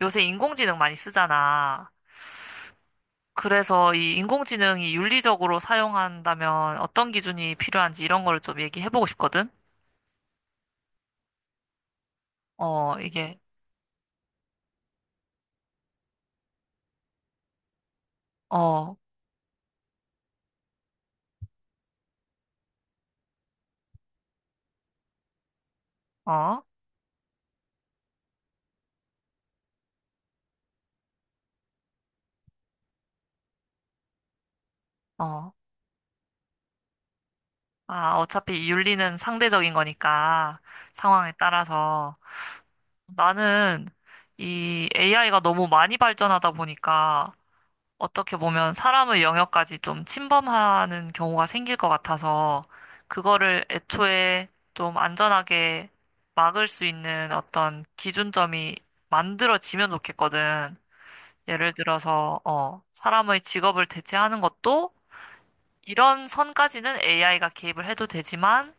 요새 인공지능 많이 쓰잖아. 그래서 이 인공지능이 윤리적으로 사용한다면 어떤 기준이 필요한지 이런 거를 좀 얘기해보고 싶거든. 어, 이게, 어, 어, 어. 아, 어차피 이 윤리는 상대적인 거니까 상황에 따라서 나는 이 AI가 너무 많이 발전하다 보니까 어떻게 보면 사람의 영역까지 좀 침범하는 경우가 생길 것 같아서 그거를 애초에 좀 안전하게 막을 수 있는 어떤 기준점이 만들어지면 좋겠거든. 예를 들어서, 사람의 직업을 대체하는 것도 이런 선까지는 AI가 개입을 해도 되지만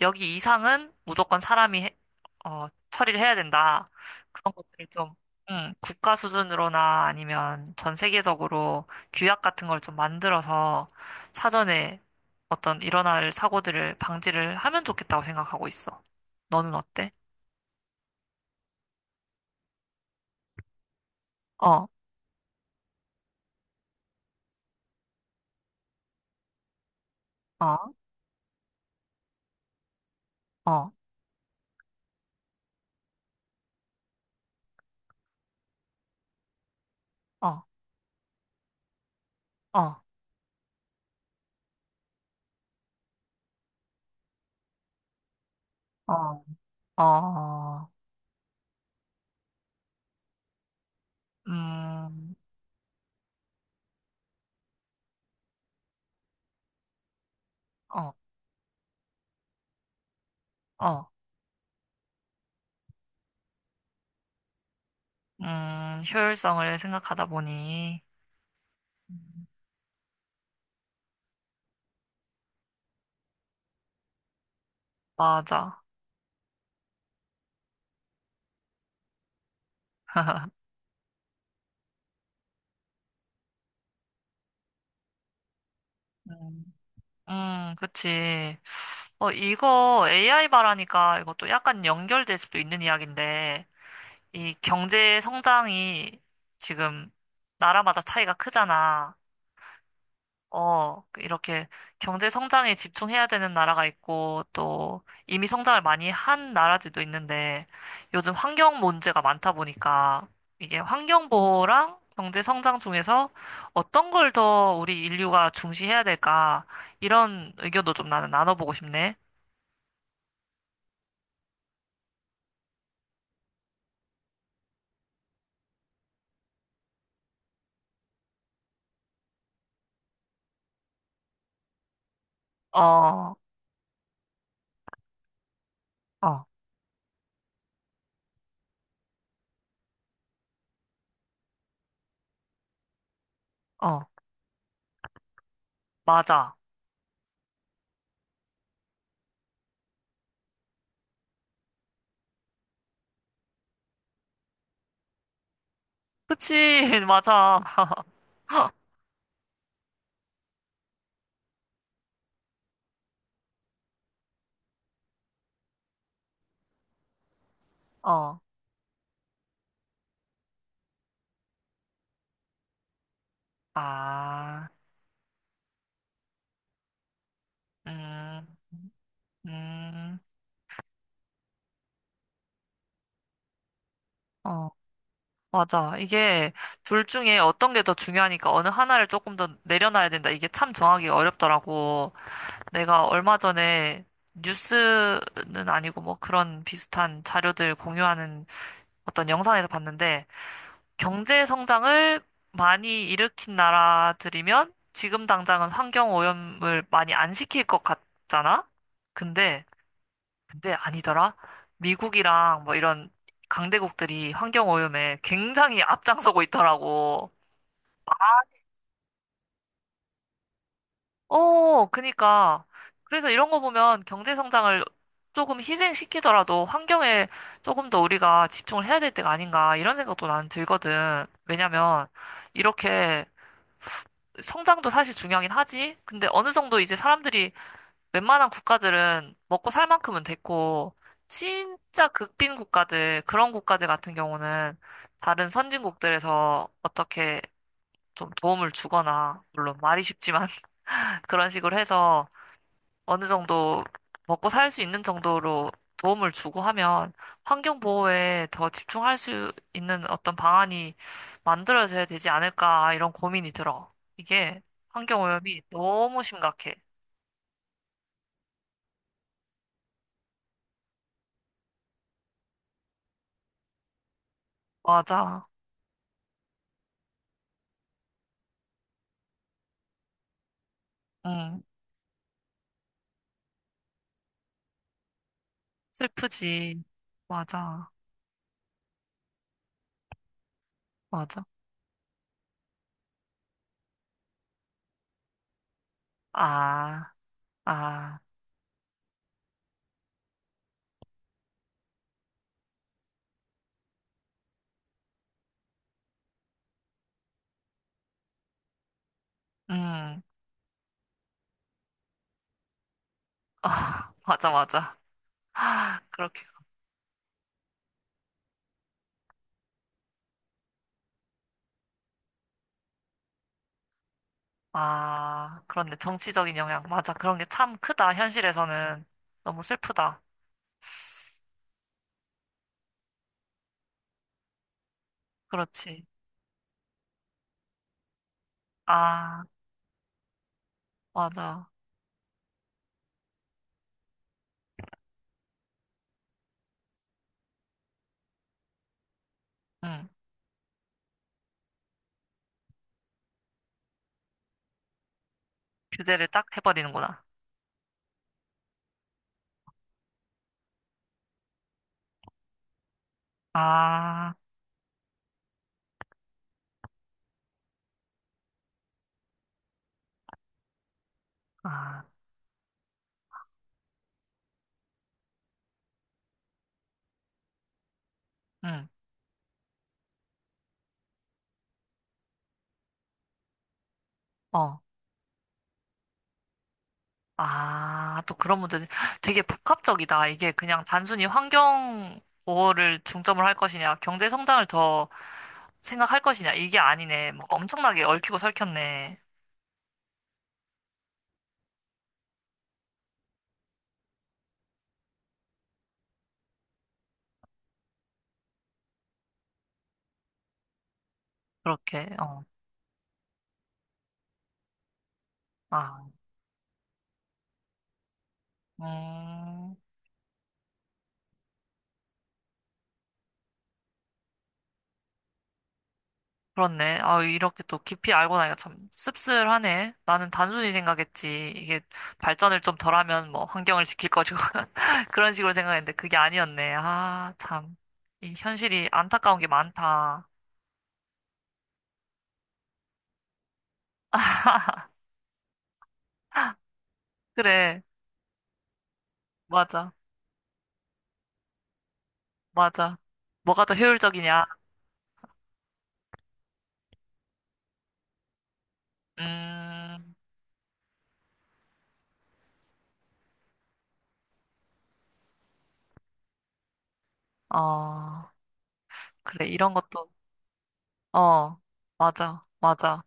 여기 이상은 무조건 사람이 처리를 해야 된다. 그런 것들을 좀 국가 수준으로나 아니면 전 세계적으로 규약 같은 걸 좀 만들어서 사전에 어떤 일어날 사고들을 방지를 하면 좋겠다고 생각하고 있어. 너는 어때? 어, 어, 어, 어, 어, 어, 어, 어, 음, 어, 어. 효율성을 생각하다 보니. 맞아. 음. 그치. 어, 이거 AI 말하니까 이것도 약간 연결될 수도 있는 이야기인데, 이 경제 성장이 지금 나라마다 차이가 크잖아. 어, 그 이렇게 경제 성장에 집중해야 되는 나라가 있고, 또 이미 성장을 많이 한 나라들도 있는데, 요즘 환경 문제가 많다 보니까, 이게 환경보호랑 경제 성장 중에서 어떤 걸 더 우리 인류가 중시해야 될까, 이런 의견도 좀 나는 나눠보고 싶네. 어, 어, 어, 맞아. 그치, 맞아. 어, 아, 음, 음. 어. 맞아. 이게 둘 중에 어떤 게 더 중요하니까 어느 하나를 조금 더 내려놔야 된다. 이게 참 정하기 어렵더라고. 내가 얼마 전에 뉴스는 아니고 뭐 그런 비슷한 자료들 공유하는 어떤 영상에서 봤는데 경제 성장을 많이 일으킨 나라들이면 지금 당장은 환경 오염을 많이 안 시킬 것 같잖아? 근데 근데 아니더라. 미국이랑 뭐 이런 강대국들이 환경오염에 굉장히 앞장서고 있더라고. 어, 그니까. 그래서 이런 거 보면 경제 성장을 조금 희생시키더라도 환경에 조금 더 우리가 집중을 해야 될 때가 아닌가 이런 생각도 나는 들거든. 왜냐면 이렇게 성장도 사실 중요하긴 하지. 근데 어느 정도 이제 사람들이 웬만한 국가들은 먹고 살 만큼은 됐고, 진짜 극빈 국가들, 그런 국가들 같은 경우는 다른 선진국들에서 어떻게 좀 도움을 주거나, 물론 말이 쉽지만 그런 식으로 해서 어느 정도 먹고 살 수 있는 정도로 도움을 주고 하면 환경 보호에 더 집중할 수 있는 어떤 방안이 만들어져야 되지 않을까, 이런 고민이 들어. 이게 환경 오염이 너무 심각해. 맞아. 응. 슬프지. 맞아, 맞아. 아, 아, 음, 아. 맞아, 맞아. 아, 그렇게, 아, 그런데 정치적인 영향, 맞아. 그런 게 참 크다, 현실에서는. 너무 슬프다. 그렇지. 아, 맞아. 응, 규제를 딱 해버리는구나. 아, 아, 응, 어. 아, 또 그런 문제. 되게 복합적이다. 이게 그냥 단순히 환경 보호를 중점을 할 것이냐, 경제 성장을 더 생각할 것이냐, 이게 아니네. 막 엄청나게 얽히고 설켰네. 그렇게, 어. 아, 음, 그렇네. 아, 이렇게 또 깊이 알고 나니까 참 씁쓸하네. 나는 단순히 생각했지. 이게 발전을 좀 덜하면 뭐 환경을 지킬 것이고. 그런 식으로 생각했는데 그게 아니었네. 아, 참. 이 현실이 안타까운 게 많다. 그래. 맞아, 맞아. 뭐가 더 효율적이냐? 음, 어, 그래, 이런 것도, 어, 맞아, 맞아.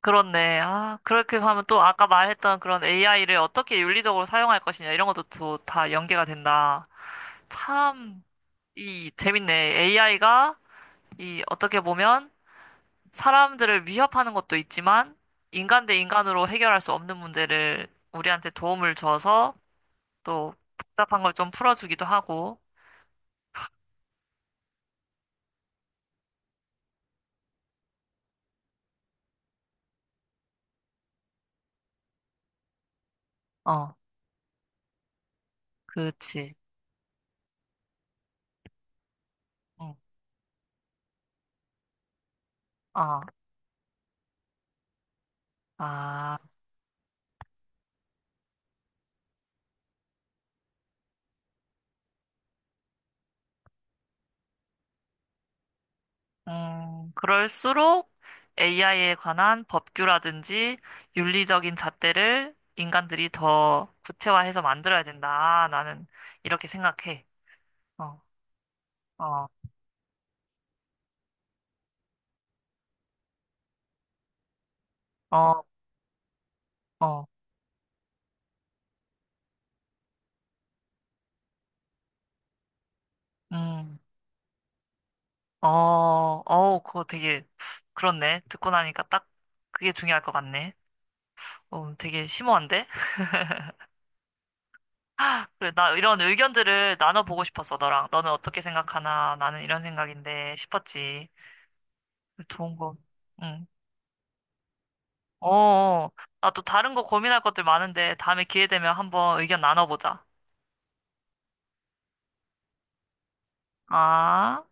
그렇네. 아, 그렇게 하면 또 아까 말했던 그런 AI를 어떻게 윤리적으로 사용할 것이냐, 이런 것도 또 다 연계가 된다. 참, 이, 재밌네. AI가, 이, 어떻게 보면 사람들을 위협하는 것도 있지만, 인간 대 인간으로 해결할 수 없는 문제를 우리한테 도움을 줘서 또 복잡한 걸 좀 풀어주기도 하고, 어. 그렇지. 응. 어, 아, 그럴수록 AI에 관한 법규라든지 윤리적인 잣대를 인간들이 더 구체화해서 만들어야 된다. 나는 이렇게 생각해. 어, 어, 어, 어, 음, 어, 어, 그거 되게, 그렇네. 듣고 나니까 딱 그게 중요할 것 같네. 어, 되게 심오한데? 그래, 나 이런 의견들을 나눠보고 싶었어, 너랑. 너는 어떻게 생각하나? 나는 이런 생각인데 싶었지. 좋은 거. 응. 어, 나 또 다른 거 고민할 것들 많은데 다음에 기회 되면 한번 의견 나눠보자. 아.